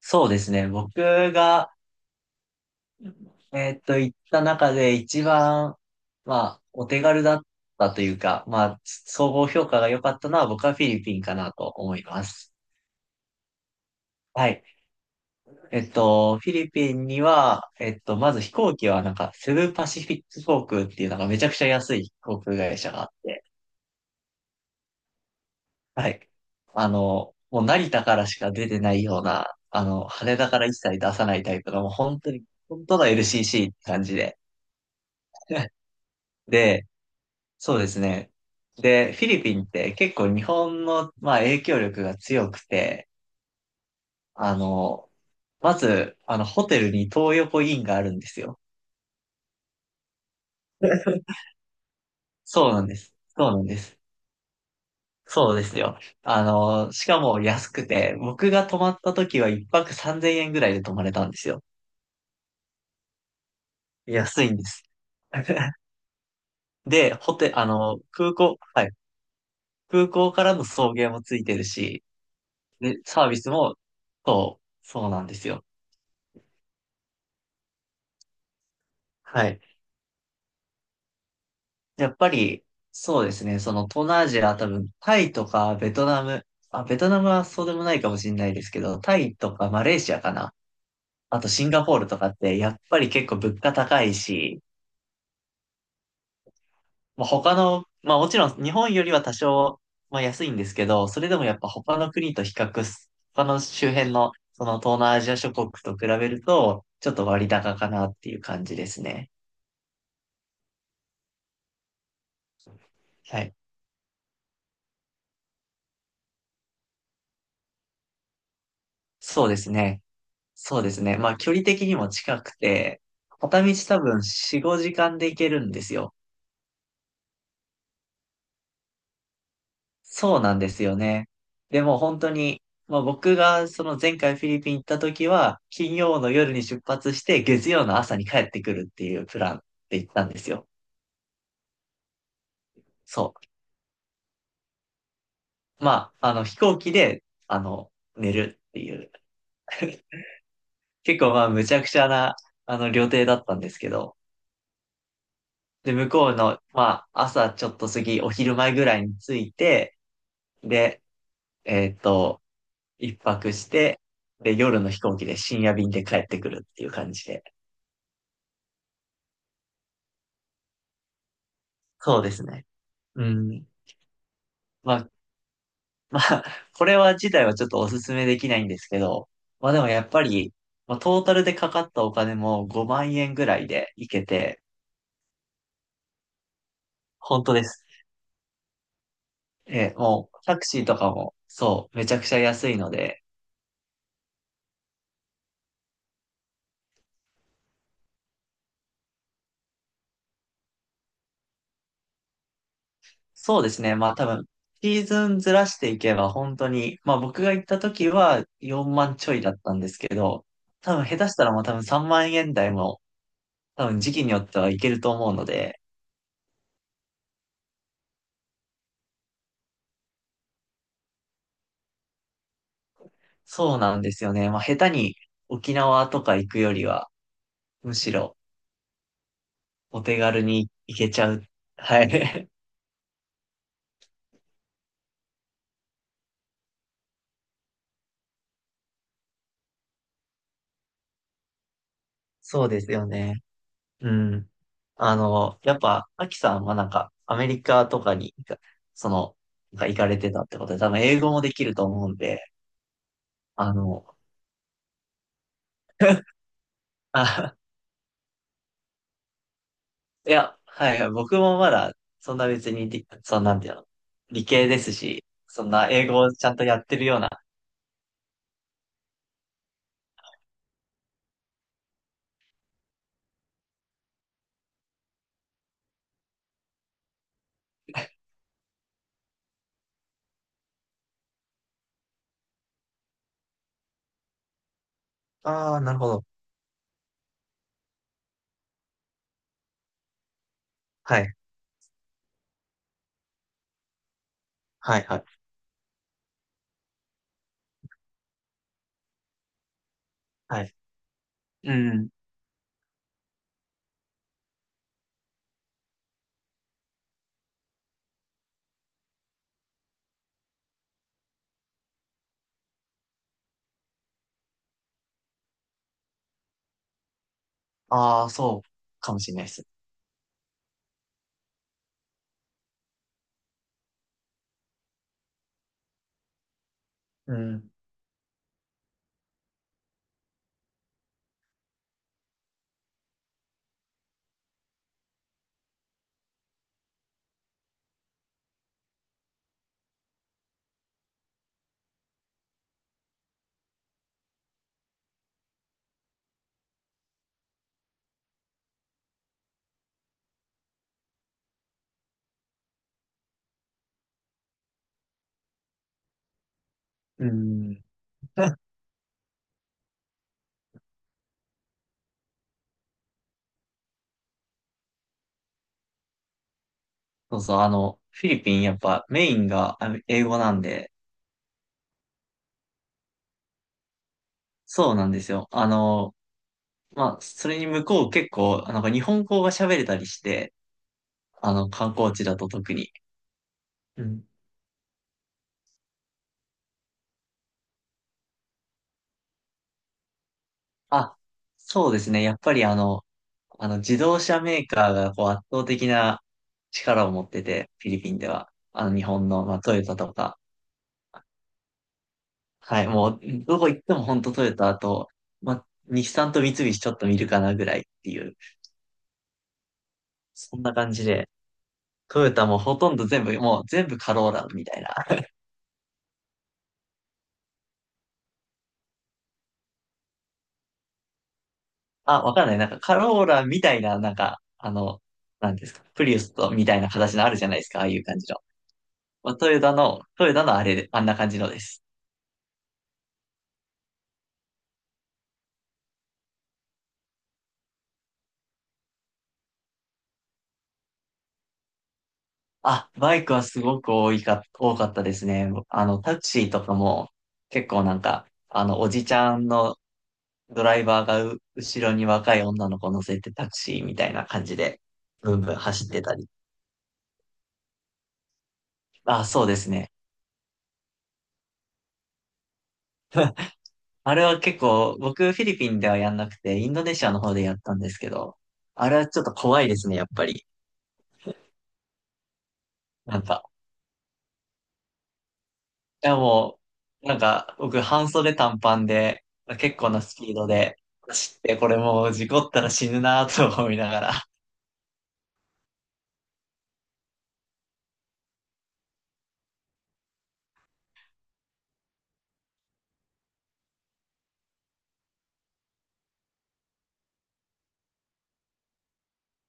そうですね。僕が、行った中で一番、まあ、お手軽だったというか、まあ、総合評価が良かったのは僕はフィリピンかなと思います。はい。フィリピンには、まず飛行機はなんか、セブパシフィック航空っていうなんかめちゃくちゃ安い航空会社があって、はい。もう成田からしか出てないような、羽田から一切出さないタイプの、もう本当に、本当の LCC って感じで。で、そうですね。で、フィリピンって結構日本の、まあ、影響力が強くて、あの、まず、ホテルに東横インがあるんですよ。そうなんです。そうなんです。そうですよ。あの、しかも安くて、僕が泊まった時は一泊3000円ぐらいで泊まれたんですよ。安いんです。で、あの、空港、はい。空港からの送迎もついてるし、で、サービスも、そう、そうなんですよ。はい。やっぱり、そうですね。その東南アジア、多分、タイとかベトナム、あ、ベトナムはそうでもないかもしれないですけど、タイとかマレーシアかな。あとシンガポールとかって、やっぱり結構物価高いし、まあ、他の、まあもちろん日本よりは多少、まあ安いんですけど、それでもやっぱ他の国と比較す、他の周辺の、その東南アジア諸国と比べると、ちょっと割高かなっていう感じですね。はい。そうですね。そうですね。まあ、距離的にも近くて、片道多分4、5時間で行けるんですよ。そうなんですよね。でも本当に、まあ僕がその前回フィリピン行った時は、金曜の夜に出発して、月曜の朝に帰ってくるっていうプランで行ったんですよ。そう。まあ、あの飛行機で、寝るっていう。結構まあ、むちゃくちゃな、旅程だったんですけど。で、向こうの、まあ、朝ちょっと過ぎ、お昼前ぐらいに着いて、で、えーっと、一泊して、で、夜の飛行機で深夜便で帰ってくるっていう感じで。そうですね。うん。まあ、まあ、これは自体はちょっとおすすめできないんですけど、まあでもやっぱり、まあトータルでかかったお金も5万円ぐらいで行けて、本当です。もうタクシーとかも、そう、めちゃくちゃ安いので、そうですね。まあ多分、シーズンずらしていけば本当に、まあ僕が行った時は4万ちょいだったんですけど、多分下手したらもう多分3万円台も多分時期によってはいけると思うので、そうなんですよね。まあ、下手に沖縄とか行くよりは、むしろお手軽に行けちゃう。はい。そうですよね。うん。やっぱ、アキさんはなんか、アメリカとかに行か、その、なんか行かれてたってことで、多分英語もできると思うんで、あの、あ、いや、はい、僕もまだ、そんなんていうの、理系ですし、そんな英語をちゃんとやってるような、ああ、なるほど。はい。はいはい。はい。うん。ああ、そうかもしれないです。うん。うん。そうそう、フィリピンやっぱメインがあの英語なんで、そうなんですよ。まあ、それに向こう結構、なんか日本語が喋れたりして、あの、観光地だと特に。うん。あ、そうですね。やっぱり自動車メーカーがこう圧倒的な力を持ってて、フィリピンでは。日本の、まあ、トヨタとか、はい、もう、どこ行っても本当トヨタと、ま、日産と三菱ちょっと見るかなぐらいっていう、そんな感じで、トヨタもほとんど全部、もう全部カローラみたいな。あ、わかんない。なんかカローラみたいな、なんか、なんですか、プリウスとみたいな形のあるじゃないですか、ああいう感じの。まあ、トヨタのあれで、あんな感じのです。あ、バイクはすごく多いか、多かったですね。タクシーとかも、結構なんか、おじちゃんのドライバーがう後ろに若い女の子を乗せてタクシーみたいな感じで、ブンブン走ってたり。あ、そうですね。あれは結構、僕フィリピンではやんなくて、インドネシアの方でやったんですけど、あれはちょっと怖いですね、やっぱり。なんか、いやもう、なんか、僕半袖短パンで、結構なスピードで走って、これもう事故ったら死ぬなぁと思いながら。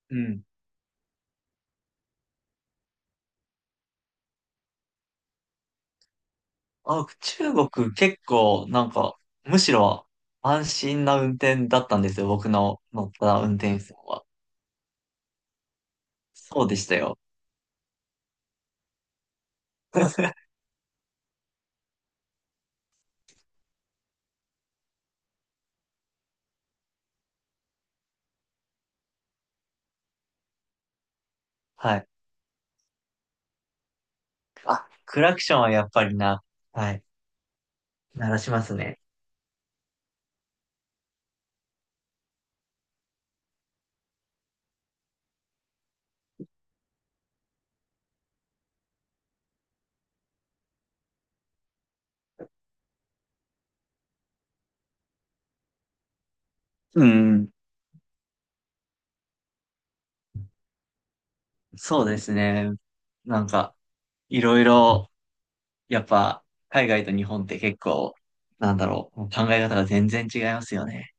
うん。あ、中国結構なんか、むしろ安心な運転だったんですよ。僕の乗った運転手さんは。そうでしたよ。はい。あ、クラクションはやっぱりな、はい、鳴らしますね。うん。そうですね。なんか、いろいろ、やっぱ、海外と日本って結構、なんだろう、考え方が全然違いますよね。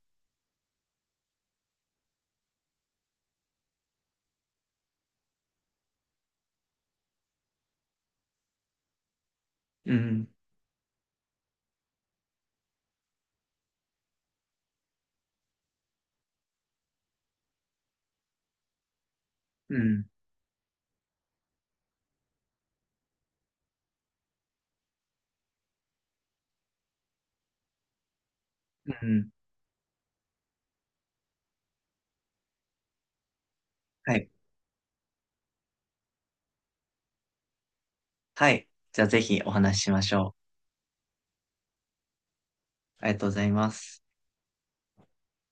うん、うん、うん。はい。はい。じゃあぜひお話ししましょう。ありがとうございます。